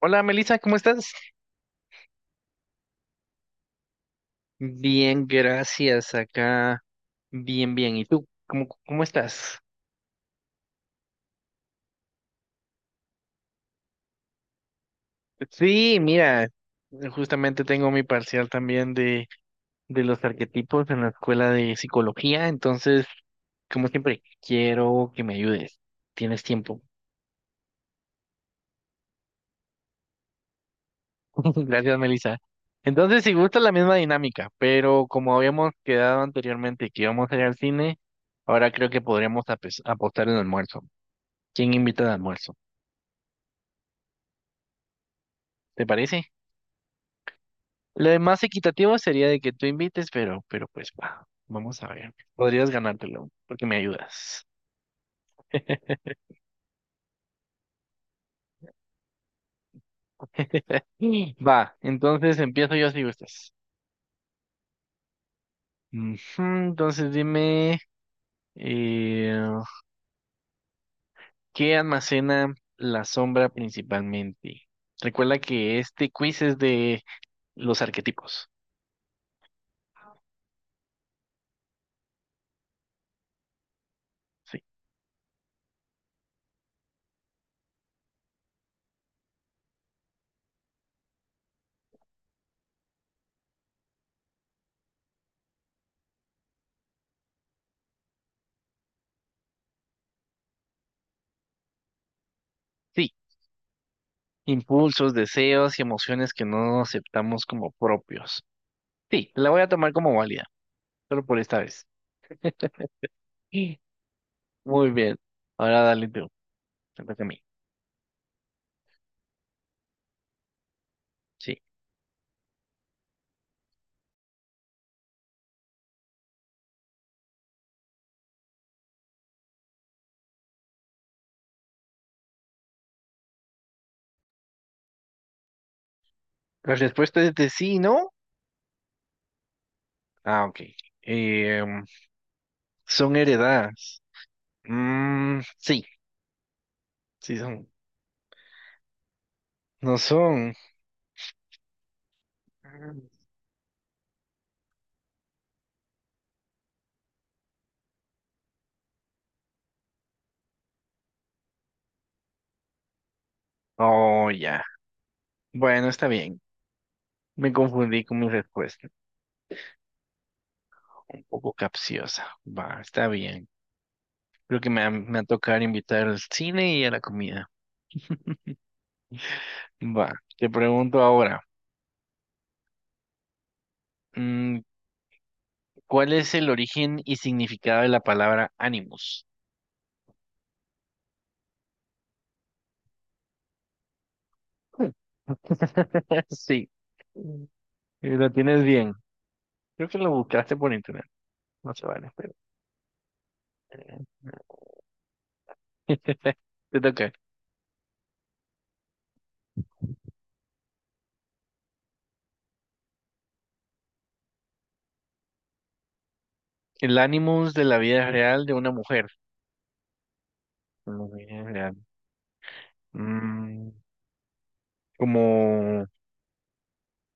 Hola Melissa, ¿cómo estás? Bien, gracias. Acá, bien, bien. ¿Y tú? ¿Cómo estás? Sí, mira, justamente tengo mi parcial también de los arquetipos en la escuela de psicología, entonces, como siempre, quiero que me ayudes. Tienes tiempo. Gracias, Melissa. Entonces, si gusta la misma dinámica, pero como habíamos quedado anteriormente que íbamos a ir al cine, ahora creo que podríamos apostar el almuerzo. ¿Quién invita al almuerzo? ¿Te parece? Lo más equitativo sería de que tú invites, pero pues va, vamos a ver. Podrías ganártelo, porque me ayudas. Va, entonces empiezo yo si gustas. Ujú, entonces dime, eh, ¿qué almacena la sombra principalmente? Recuerda que este quiz es de los arquetipos. Sí. Sí. Impulsos, deseos y emociones que no aceptamos como propios. Sí, la voy a tomar como válida, solo por esta vez. Muy bien. Ahora dale tú. Te toca a mí. Sí. La respuesta es de sí, ¿no? Ah, ok. Eh, son heredadas. Mm, sí, sí son. No son. Mm. Oh, ya. Bueno, está bien. Me confundí con mi respuesta. Un poco capciosa. Va, está bien. Creo que me va a tocar invitar al cine y a la comida. Va, te pregunto ahora. mm, ¿Cuál es el origen y significado de la palabra ánimos? Sí, y lo tienes bien. Creo que lo buscaste por internet. No se vale, pero. Te toca. El ánimos de la vida real de una mujer. La vida real. Mm, como,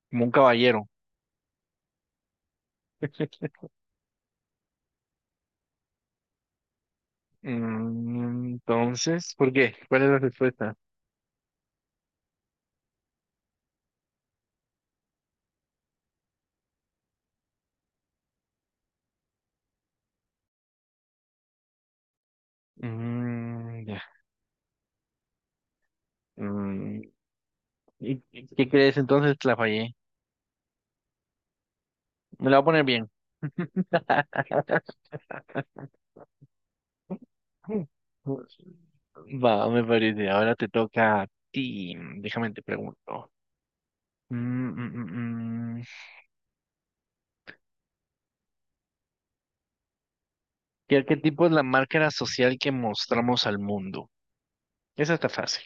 como un caballero. Mm, entonces, ¿por qué? ¿Cuál es la respuesta? Mm, ya. Mm, ¿y qué crees entonces? La fallé. Me la voy a poner bien. Va, me parece. Ahora te toca a ti. Déjame te pregunto. Mm, mm, mm, mm. ¿Qué arquetipo es la máscara social que mostramos al mundo? Esa está fácil.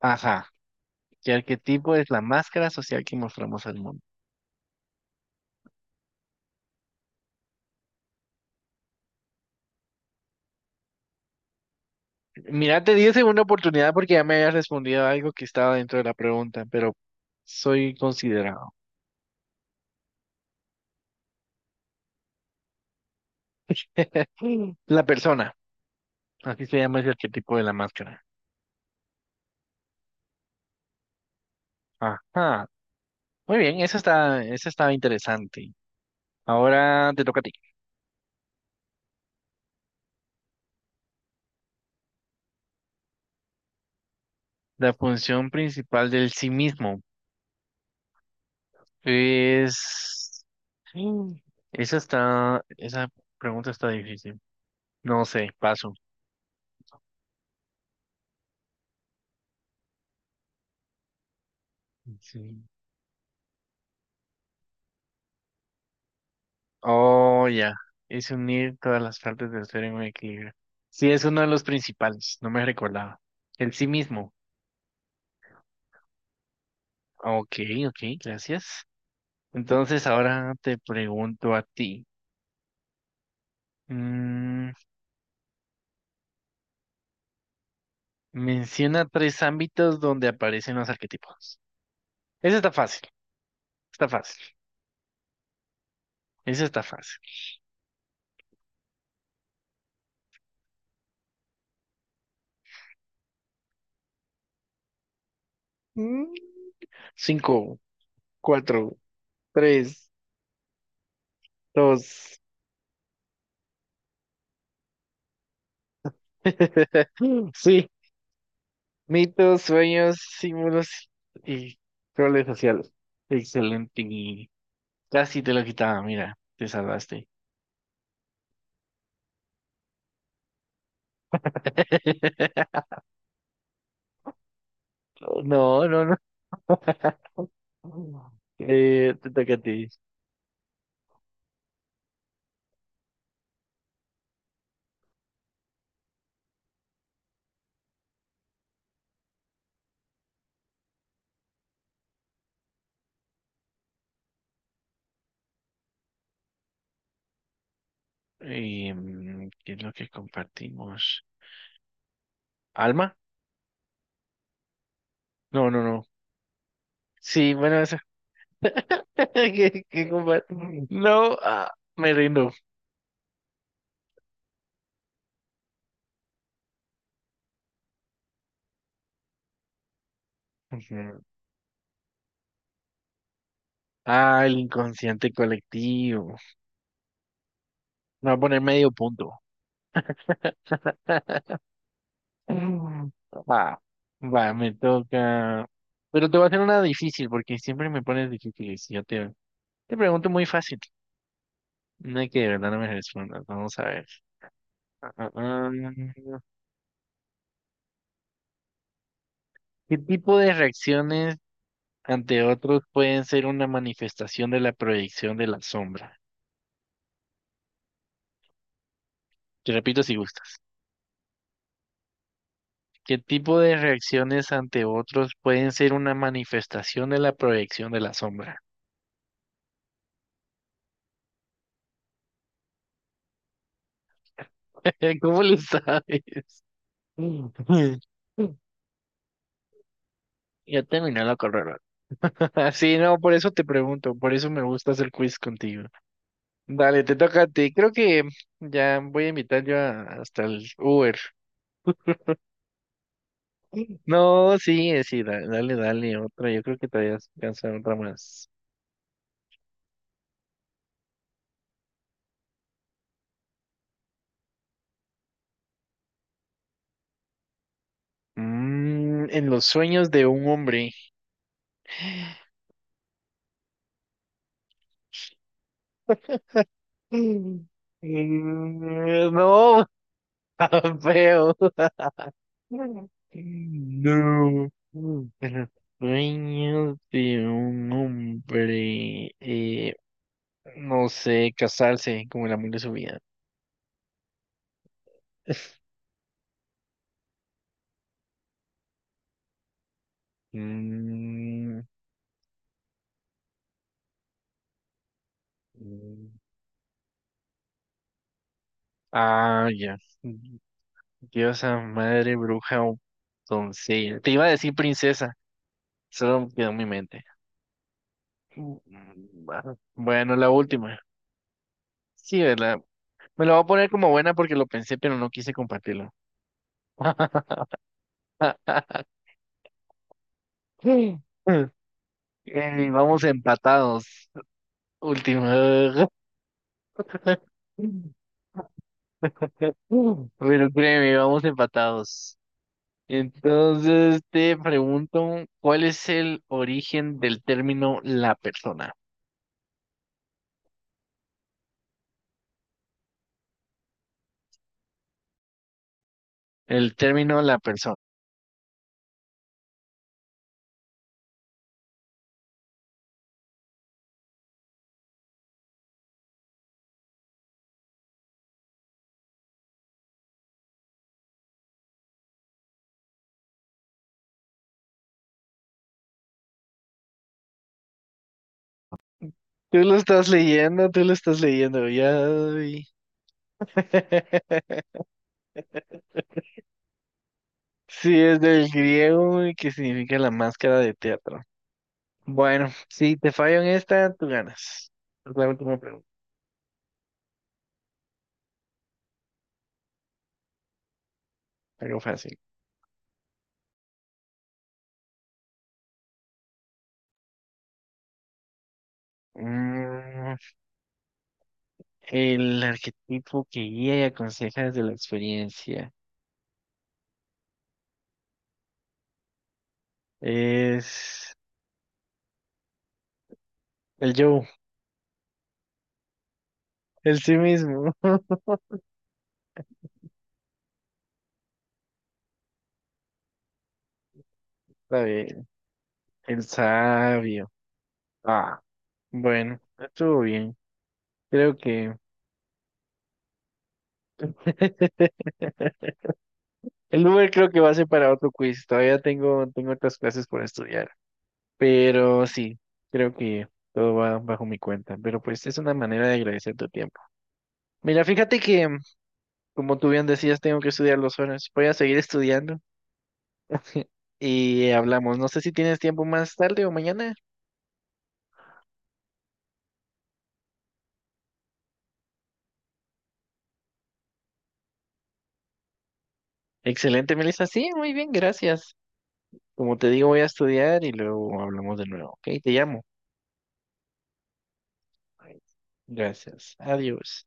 Ajá. ¿Qué arquetipo es la máscara social que mostramos al mundo? Mira, te di esa segunda oportunidad porque ya me habías respondido algo que estaba dentro de la pregunta, pero soy considerado. La persona. Así se llama ese arquetipo de la máscara. Ajá. Muy bien, esa está interesante. Ahora te toca a ti. La función principal del sí mismo es... Mm. Esa está... Esa pregunta está difícil. No sé, paso. Sí. Oh, ya. Es unir todas las partes del ser en un equilibrio. Sí, es uno de los principales. No me recordaba. El sí mismo. Ok, ok, gracias. Entonces ahora te pregunto a ti. Mm, menciona tres ámbitos donde aparecen los arquetipos. Ese está fácil, está fácil. Ese está fácil. Mm, cinco, cuatro, tres, dos. Sí, mitos, sueños, símbolos y roles sociales. Excelente. Casi te lo quitaba, mira, te salvaste. No, no, no. Te toca a ti. Em, ¿qué es lo que compartimos? ¿Alma? No, no, no. Sí, bueno, eso. ¿Qué, qué compa- No, ah, me rindo. Ah, el inconsciente colectivo. Me va a poner medio punto. Mm. Ah, va, me toca. Pero te voy a hacer una difícil porque siempre me pones difíciles. Y yo te pregunto muy fácil. No hay que de verdad no me respondas. Vamos a ver. Ah, ah, ah. ¿Qué tipo de reacciones ante otros pueden ser una manifestación de la proyección de la sombra? Te repito si gustas. ¿Qué tipo de reacciones ante otros pueden ser una manifestación de la proyección de la sombra? ¿Cómo lo sabes? Ya terminé la carrera. Sí, no, por eso te pregunto, por eso me gusta hacer quiz contigo. Dale, te toca a ti. Creo que ya voy a invitar yo hasta el Uber. No, sí, sí, dale, dale, otra. Yo creo que todavía alcanza otra más. Mm, en los sueños de un hombre. Mm, mm, no, feo. No. Los sueños de un hombre. No sé, casarse como el amor de su vida. Mm, mm. Ah, ya. Diosa, madre, bruja o doncella. Te iba a decir princesa, solo quedó en mi mente. Mm, ah, bueno, la última. Sí, ¿verdad? Me lo voy a poner como buena porque lo pensé, pero no quise compartirlo. Sí. Vamos empatados. Última. Pero créeme, vamos empatados. Entonces te pregunto, ¿cuál es el origen del término la persona? El término la persona. Tú lo estás leyendo, tú lo estás leyendo, ya vi. Sí, es del griego y que significa la máscara de teatro. Bueno, si te fallo en esta, tú ganas. Es la última pregunta, algo fácil. Mm, el arquetipo que guía y aconseja desde la experiencia es el yo, el sí mismo. Está bien, el sabio. Ah, bueno, estuvo bien. Creo que el Uber creo que va a ser para otro quiz. Todavía tengo otras clases por estudiar. Pero sí, creo que todo va bajo mi cuenta. Pero pues es una manera de agradecer tu tiempo. Mira, fíjate que, como tú bien decías, tengo que estudiar 2 horas. Voy a seguir estudiando. Y hablamos. No sé si tienes tiempo más tarde o mañana. Excelente, Melissa. Sí, muy bien, gracias. Como te digo, voy a estudiar y luego hablamos de nuevo, ¿ok? Te llamo. Gracias. Adiós.